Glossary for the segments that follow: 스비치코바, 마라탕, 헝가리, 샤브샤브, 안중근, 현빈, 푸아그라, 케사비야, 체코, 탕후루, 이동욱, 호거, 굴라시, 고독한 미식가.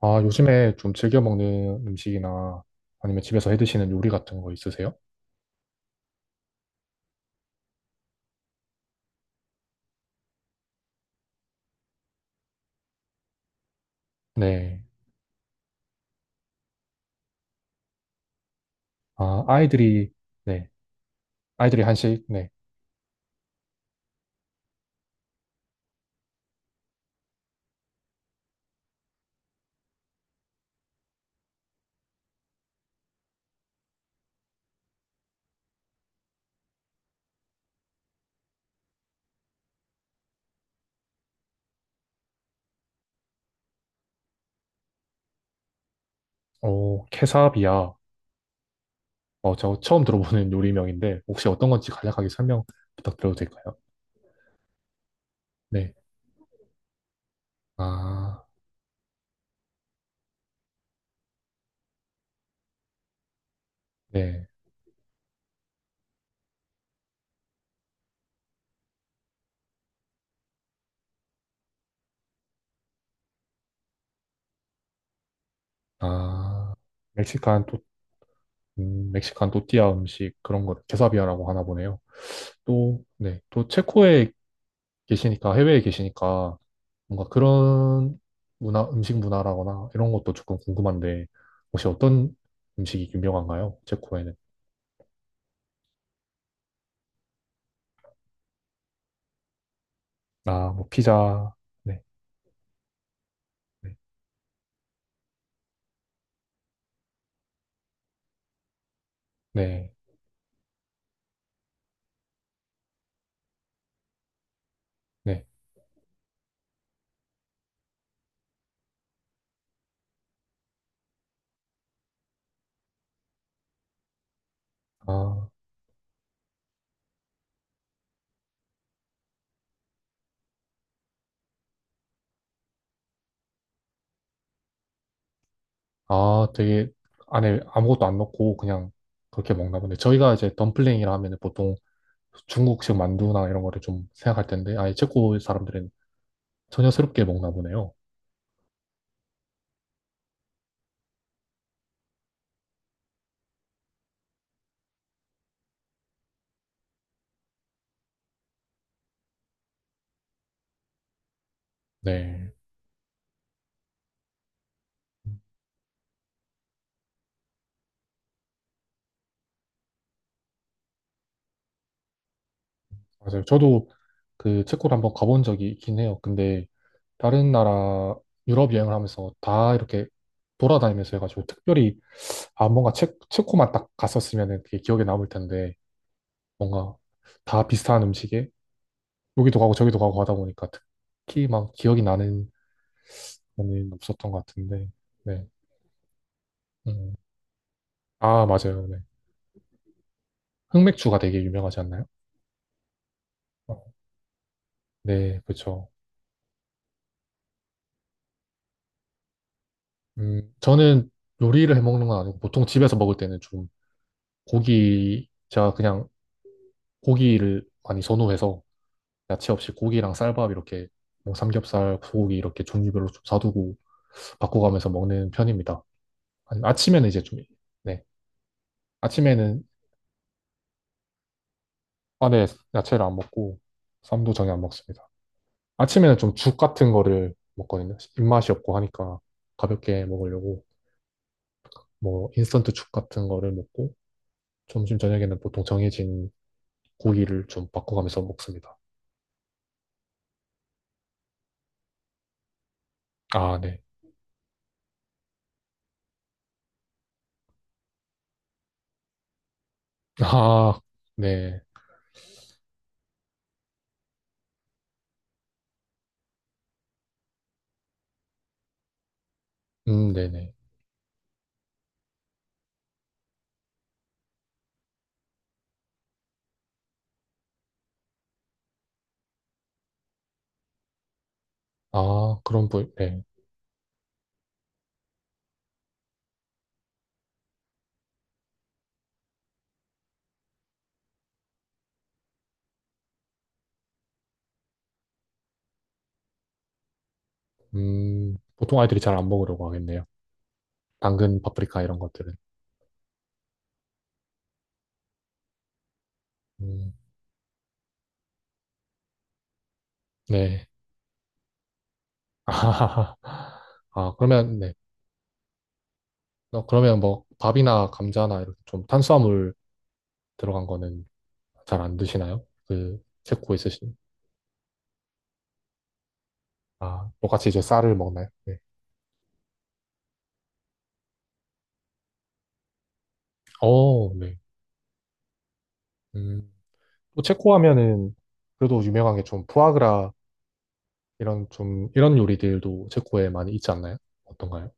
아, 요즘에 좀 즐겨 먹는 음식이나 아니면 집에서 해 드시는 요리 같은 거 있으세요? 네. 아, 아이들이, 네. 아이들이 한식, 네. 오, 케사비야. 어, 저 처음 들어보는 요리명인데, 혹시 어떤 건지 간략하게 설명 부탁드려도 될까요? 네. 아, 네. 아, 멕시칸 또, 멕시칸 또띠아 음식 그런 거 케사비야라고 하나 보네요. 또, 네. 또 체코의 계시니까, 해외에 계시니까, 뭔가 그런 문화, 음식 문화라거나 이런 것도 조금 궁금한데, 혹시 어떤 음식이 유명한가요? 체코에는. 아, 뭐, 피자. 네, 네, 네. 네. 아, 아, 되게 안에 아무것도 안 넣고 그냥 그렇게 먹나 보네. 저희가 이제 덤플링이라 하면 보통 중국식 만두나 이런 거를 좀 생각할 텐데, 아예 체코 사람들은 전혀 새롭게 먹나 보네요. 네. 맞아요. 저도 그 체코를 한번 가본 적이 있긴 해요. 근데 다른 나라 유럽 여행을 하면서 다 이렇게 돌아다니면서 해가지고 특별히 아 뭔가 체코만 딱 갔었으면 그게 기억에 남을 텐데 뭔가 다 비슷한 음식에 여기도 가고 저기도 가고 하다 보니까 특히 막 기억이 나는 거는 없었던 것 같은데. 네. 음. 아 맞아요. 네. 흑맥주가 되게 유명하지 않나요? 어. 네, 그렇죠. 저는 요리를 해 먹는 건 아니고 보통 집에서 먹을 때는 좀 고기, 제가 그냥 고기를 많이 선호해서 야채 없이 고기랑 쌀밥 이렇게 뭐 삼겹살, 소고기 이렇게 종류별로 좀 사두고 바꿔가면서 먹는 편입니다. 아니, 아침에는 이제 좀, 네. 아침에는, 아, 네. 야채를 안 먹고 쌈도 전혀 안 먹습니다. 아침에는 좀 죽 같은 거를 먹거든요. 입맛이 없고 하니까 가볍게 먹으려고 뭐 인스턴트 죽 같은 거를 먹고 점심 저녁에는 보통 정해진 고기를 좀 바꿔가면서 먹습니다. 아, 네. 아, 네. 네네. 아, 그런 부 네. 보통 아이들이 잘 안 먹으려고 하겠네요. 당근, 파프리카 이런 것들은. 음, 네. 아, 그러면, 네. 어, 그러면 뭐, 밥이나 감자나 이렇게 좀 탄수화물 들어간 거는 잘 안 드시나요? 그, 체코 있으신. 아, 똑같이 이제 쌀을 먹나요? 네. 어, 네. 음, 또 체코 하면은 그래도 유명한 게 좀 푸아그라 이런 좀, 이런 요리들도 체코에 많이 있지 않나요? 어떤가요?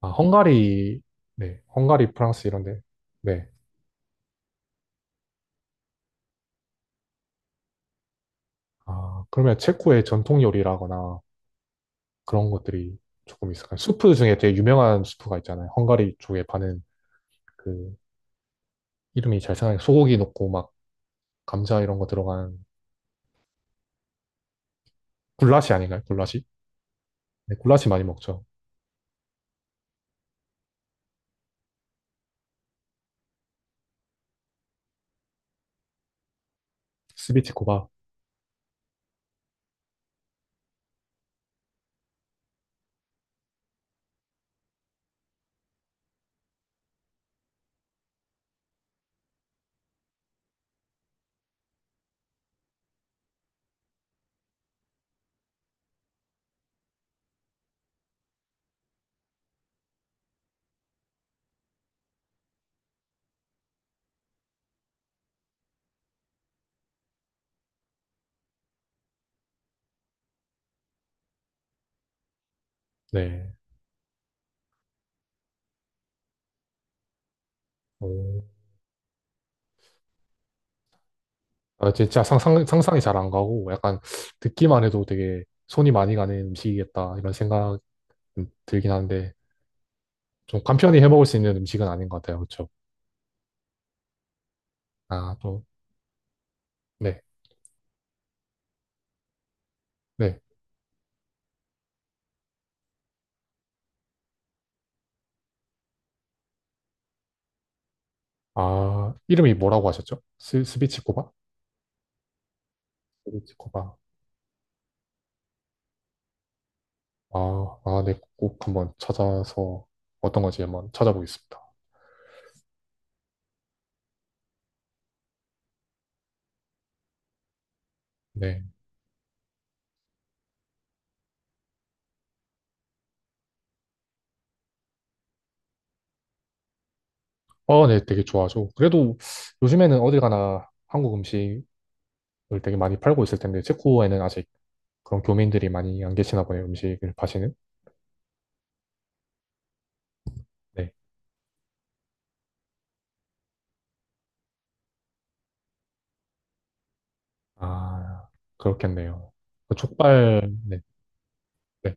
아, 헝가리, 네, 헝가리, 프랑스 이런데, 네. 아, 그러면 체코의 전통 요리라거나 그런 것들이 조금 있을까요? 수프 중에 되게 유명한 수프가 있잖아요. 헝가리 쪽에 파는 그 이름이 잘 생각나요. 소고기 넣고 막 감자 이런 거 들어간 굴라시 아닌가요? 굴라시? 네, 굴라시 많이 먹죠. 스비치코바. 네. 오. 아, 진짜 상상이 잘 안 가고 약간 듣기만 해도 되게 손이 많이 가는 음식이겠다 이런 생각 들긴 하는데 좀 간편히 해 먹을 수 있는 음식은 아닌 것 같아요. 그렇죠? 아, 또, 네, 네. 아, 이름이 뭐라고 하셨죠? 스비치코바? 스비치코바. 아, 아, 네, 꼭 한번 찾아서 어떤 건지 한번 찾아보겠습니다. 네. 어, 네, 되게 좋아하죠. 그래도 요즘에는 어딜 가나 한국 음식을 되게 많이 팔고 있을 텐데, 체코에는 아직 그런 교민들이 많이 안 계시나 보네요, 음식을 파시는. 네. 아, 그렇겠네요. 그 족발, 네, 네,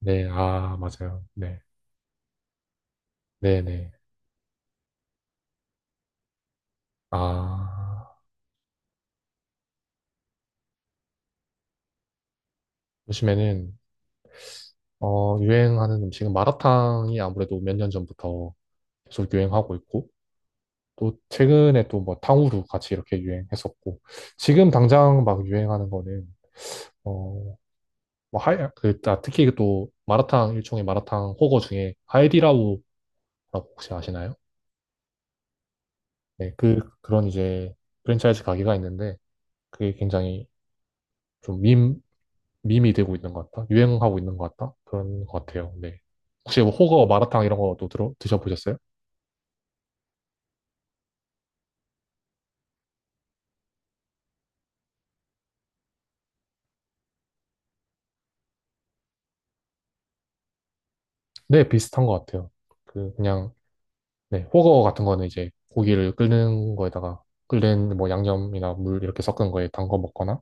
네, 아, 맞아요. 네, 네, 네. 아, 요즘에는 어, 유행하는 음식은 마라탕이 아무래도 몇 년 전부터 계속 유행하고 있고, 또 최근에 또 뭐 탕후루 같이 이렇게 유행했었고, 지금 당장 막 유행하는 거는, 어, 뭐 하야, 그, 아, 특히 그 또 마라탕, 일종의 마라탕 호거 중에 하이디라오라고 혹시 아시나요? 네, 그런 이제 프랜차이즈 가게가 있는데, 그게 굉장히 좀 밈, 밈이 되고 있는 것 같다? 유행하고 있는 것 같다? 그런 것 같아요. 네. 혹시 뭐 호거 마라탕 이런 것도 들어, 드셔보셨어요? 네, 비슷한 것 같아요. 그냥, 네, 호거 같은 거는 이제 고기를 끓는 거에다가 끓는 뭐 양념이나 물 이렇게 섞은 거에 담궈 먹거나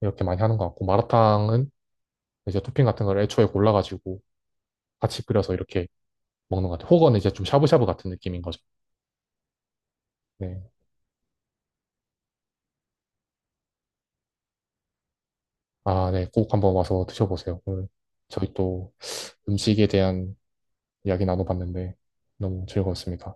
이렇게 많이 하는 것 같고, 마라탕은 이제 토핑 같은 걸 애초에 골라가지고 같이 끓여서 이렇게 먹는 것 같아요. 호거는 이제 좀 샤브샤브 같은 느낌인 거죠. 네. 아, 네, 꼭 한번 와서 드셔보세요. 오늘 저희 또 음식에 대한 이야기 나눠봤는데 너무 즐거웠습니다.